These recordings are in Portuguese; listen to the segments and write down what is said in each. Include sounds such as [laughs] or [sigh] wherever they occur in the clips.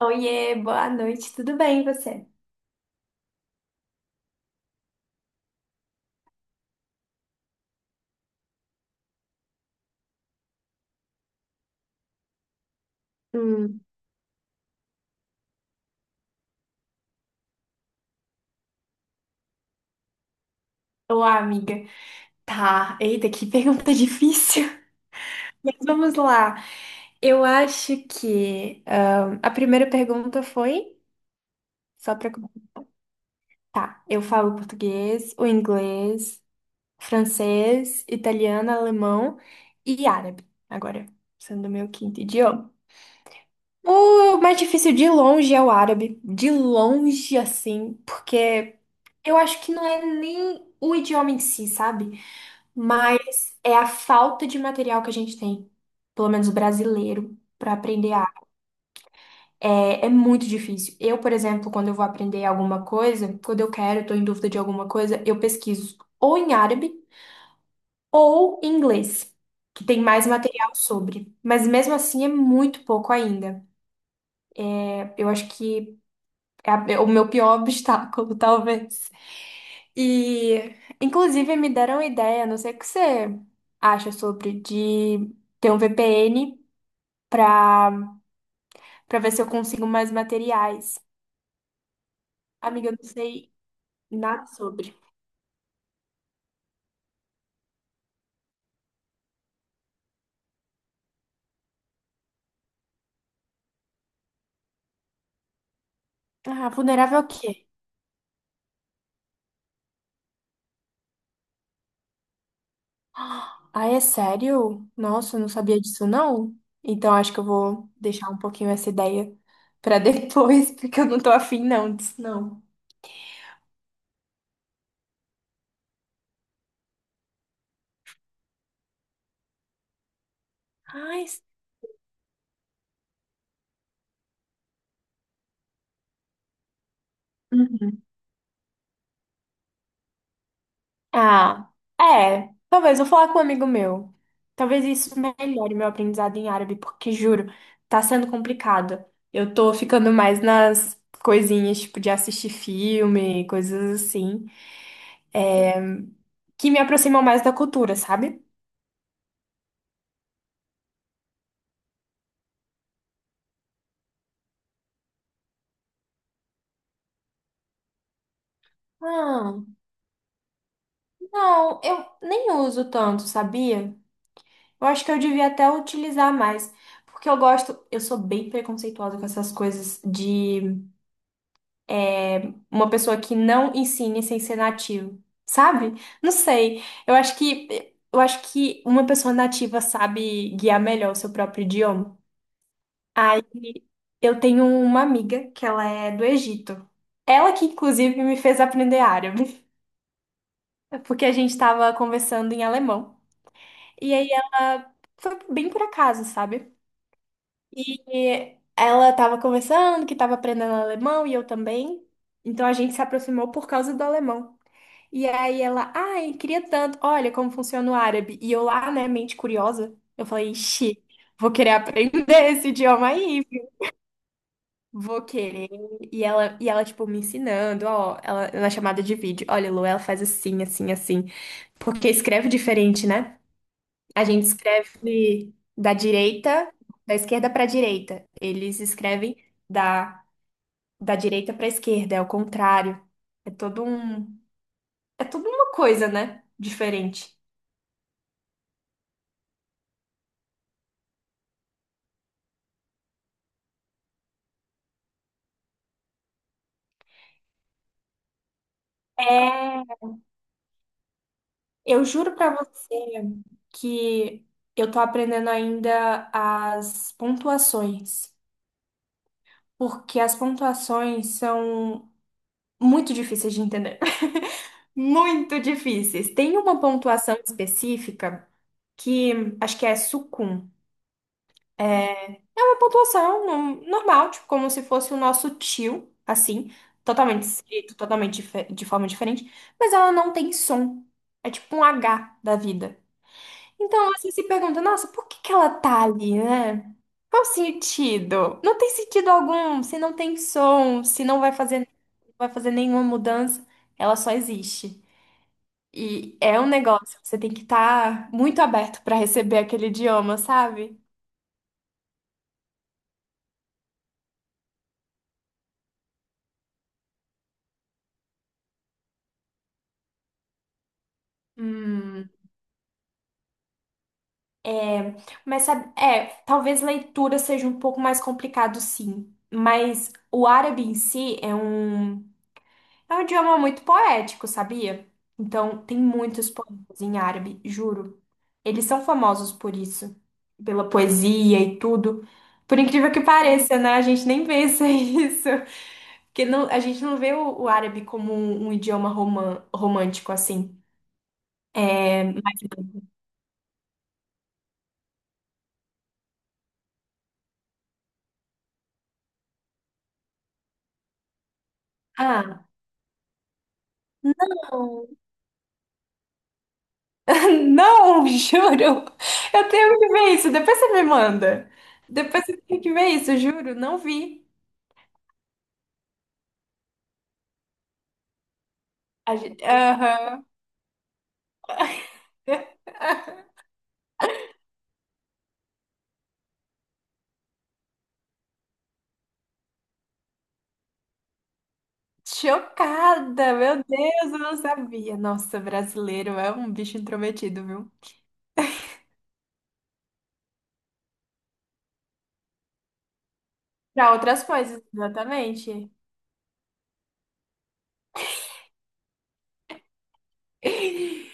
Oiê, boa noite, tudo bem e você? Hum, Olá, amiga. Tá, eita, que pergunta difícil. [laughs] Mas vamos lá. Eu acho que a primeira pergunta foi só para tá, eu falo português, o inglês, francês, italiano, alemão e árabe. Agora, sendo o meu quinto idioma. O mais difícil de longe é o árabe, de longe assim, porque eu acho que não é nem o idioma em si, sabe? Mas é a falta de material que a gente tem, pelo menos o brasileiro, para aprender árabe. É muito difícil. Eu, por exemplo, quando eu vou aprender alguma coisa, quando eu quero, estou em dúvida de alguma coisa, eu pesquiso ou em árabe ou em inglês, que tem mais material sobre. Mas mesmo assim é muito pouco ainda. Eu acho que é o meu pior obstáculo, [laughs] talvez. E, inclusive, me deram a ideia, não sei o que você acha sobre, de ter um VPN para para ver se eu consigo mais materiais. Amiga, eu não sei nada sobre. Ah, vulnerável ao quê? Ah, é sério? Nossa, eu não sabia disso, não. Então, acho que eu vou deixar um pouquinho essa ideia para depois, [laughs] porque eu não tô afim, não, disso, não. Ai, ah, é. Talvez vou falar com um amigo meu. Talvez isso melhore meu aprendizado em árabe, porque juro, tá sendo complicado. Eu tô ficando mais nas coisinhas, tipo, de assistir filme, coisas assim, é, que me aproximam mais da cultura, sabe? Ah, não, eu nem uso tanto, sabia? Eu acho que eu devia até utilizar mais, porque eu gosto, eu sou bem preconceituosa com essas coisas de é, uma pessoa que não ensine sem ser nativo, sabe? Não sei. Eu acho que uma pessoa nativa sabe guiar melhor o seu próprio idioma. Aí eu tenho uma amiga que ela é do Egito. Ela que inclusive me fez aprender árabe, [laughs] porque a gente estava conversando em alemão. E aí ela foi bem por acaso, sabe? E ela estava conversando que estava aprendendo alemão e eu também. Então a gente se aproximou por causa do alemão. E aí ela, ai, queria tanto. Olha como funciona o árabe. E eu lá, né, mente curiosa, eu falei, ixi, vou querer aprender [laughs] esse idioma aí. Vou querer. E ela, tipo, me ensinando, ó, ela, na chamada de vídeo. Olha, Lu, ela faz assim, assim, assim. Porque escreve diferente, né? A gente escreve da direita, da esquerda pra direita. Eles escrevem da, da direita pra esquerda, é o contrário. É todo um, é toda uma coisa, né? Diferente. É, eu juro pra você que eu tô aprendendo ainda as pontuações, porque as pontuações são muito difíceis de entender. [laughs] Muito difíceis. Tem uma pontuação específica que acho que é sucum. É é uma pontuação normal, tipo, como se fosse o nosso tio, assim, totalmente escrito, de forma diferente, mas ela não tem som. É tipo um H da vida. Então você se pergunta, nossa, por que que ela tá ali, né? Qual o sentido? Não tem sentido algum, se não tem som, se não vai fazer, não vai fazer nenhuma mudança, ela só existe. E é um negócio, você tem que estar muito aberto para receber aquele idioma, sabe? Hum, é, mas sabe, é, talvez leitura seja um pouco mais complicado, sim. Mas o árabe em si é um é um idioma muito poético, sabia? Então, tem muitos poemas em árabe, juro. Eles são famosos por isso, pela poesia e tudo. Por incrível que pareça, né? A gente nem pensa [laughs] isso. Porque não, a gente não vê o árabe como um romântico assim. É, mas ah, não. [laughs] Não, juro. Eu tenho que ver isso. Depois você me manda. Depois você tem que ver isso, juro. Não vi. A gente, aham. [laughs] Chocada! Meu Deus, eu não sabia. Nossa, brasileiro é um bicho intrometido, viu? Pra outras coisas, exatamente. [laughs]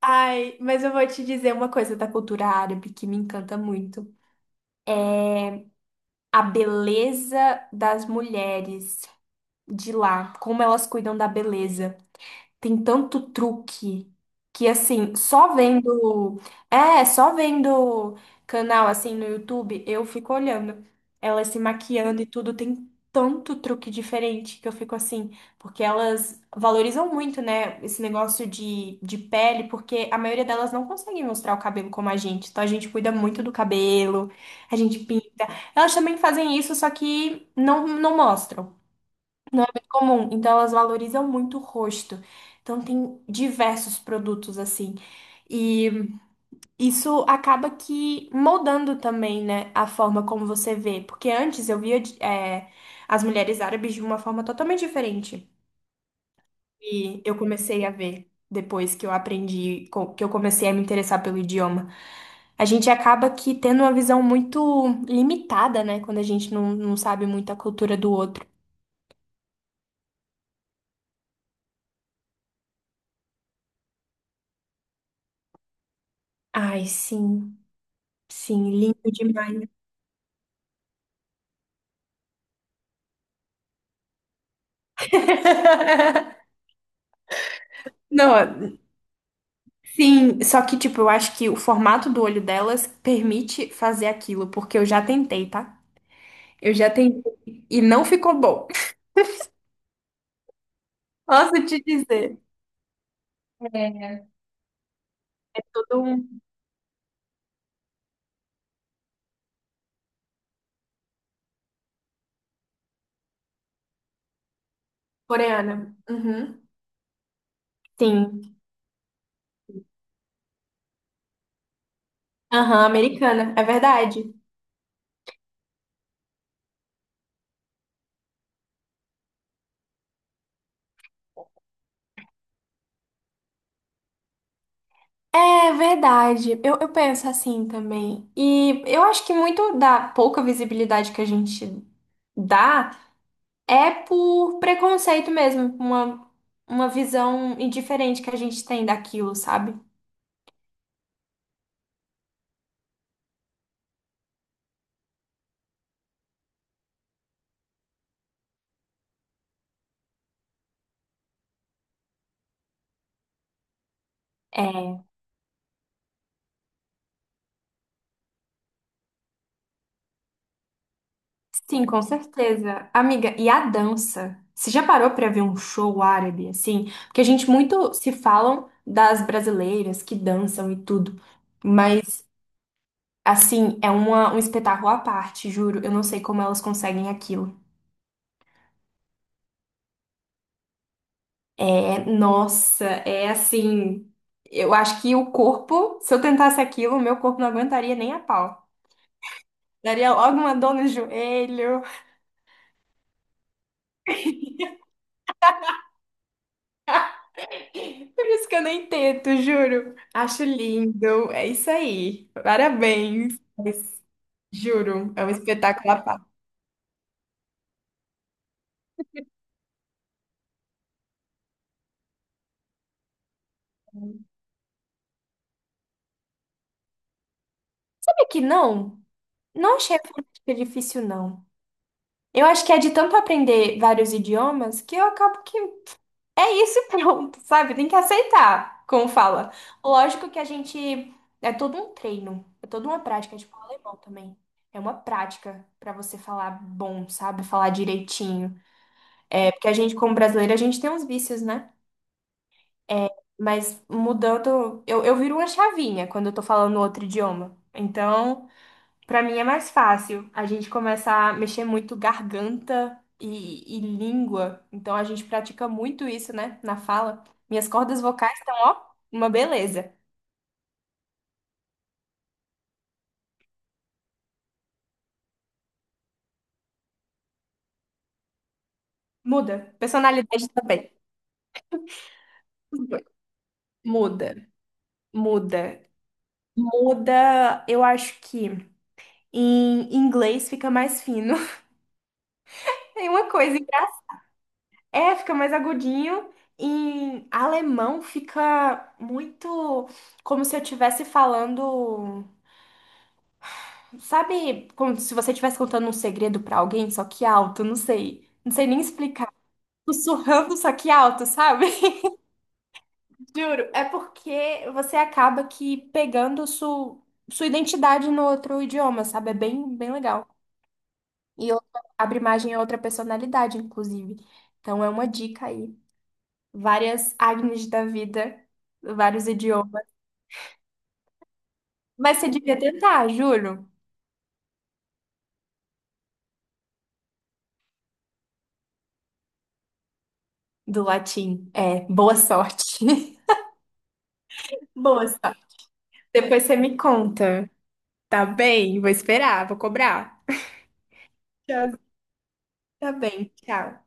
Ai, mas eu vou te dizer uma coisa da cultura árabe que me encanta muito. A beleza das mulheres de lá, como elas cuidam da beleza. Tem tanto truque que assim, só vendo, só vendo canal assim no YouTube, eu fico olhando elas se maquiando e tudo, tem tanto truque diferente que eu fico assim, porque elas valorizam muito, né, esse negócio de pele, porque a maioria delas não consegue mostrar o cabelo como a gente. Então a gente cuida muito do cabelo, a gente pinta. Elas também fazem isso, só que não mostram comum, então elas valorizam muito o rosto. Então tem diversos produtos assim. E isso acaba que moldando também, né, a forma como você vê. Porque antes eu via, é, as mulheres árabes de uma forma totalmente diferente. E eu comecei a ver depois que que eu comecei a me interessar pelo idioma. A gente acaba que tendo uma visão muito limitada, né, quando a gente não sabe muito a cultura do outro. Ai, sim, sim, lindo demais. [laughs] Não, sim, só que, tipo, eu acho que o formato do olho delas permite fazer aquilo, porque eu já tentei, tá? Eu já tentei e não ficou bom. [laughs] Posso te dizer. É. É tudo um coreana. Uhum. Sim. Aham, americana. É verdade. É verdade. Eu penso assim também. E eu acho que muito da pouca visibilidade que a gente dá. É por preconceito mesmo, uma visão indiferente que a gente tem daquilo, sabe? É, sim, com certeza. Amiga, e a dança? Você já parou pra ver um show árabe, assim? Porque a gente muito se falam das brasileiras que dançam e tudo, mas, assim, é uma, um espetáculo à parte, juro. Eu não sei como elas conseguem aquilo. É, nossa, é assim. Eu acho que o corpo, se eu tentasse aquilo, o meu corpo não aguentaria nem a pau. Daria logo uma dor no joelho. Por isso que eu nem tento, juro. Acho lindo. É isso aí. Parabéns. Mas, juro, é um espetáculo à parte. Sabe que não? Não achei a fonética difícil, não. Eu acho que é de tanto aprender vários idiomas que eu acabo que é isso e pronto, sabe? Tem que aceitar, como fala. Lógico que a gente. É todo um treino, é toda uma prática, é tipo alemão também. É uma prática pra você falar bom, sabe? Falar direitinho. É porque a gente, como brasileiro, a gente tem uns vícios, né? É, mas mudando, eu viro uma chavinha quando eu tô falando outro idioma. Então. Pra mim é mais fácil. A gente começa a mexer muito garganta e língua. Então a gente pratica muito isso, né? Na fala. Minhas cordas vocais estão, ó, uma beleza. Muda. Personalidade também. Os dois. Muda. Muda. Muda, eu acho que em inglês fica mais fino. [laughs] Tem uma coisa engraçada. É, fica mais agudinho. Em alemão fica muito como se eu estivesse falando. Sabe como se você estivesse contando um segredo pra alguém, só que alto, não sei. Não sei nem explicar. Sussurrando, só que alto, sabe? [laughs] Juro, é porque você acaba que pegando sua identidade no outro idioma, sabe? É bem, bem legal. E abre margem a outra personalidade, inclusive. Então é uma dica aí. Várias Agnes da vida, vários idiomas. Mas você devia tentar, juro. Do latim. É, boa sorte. [laughs] Boa sorte. Depois você me conta. Tá bem, vou esperar, vou cobrar. Tchau. Tá bem, tchau.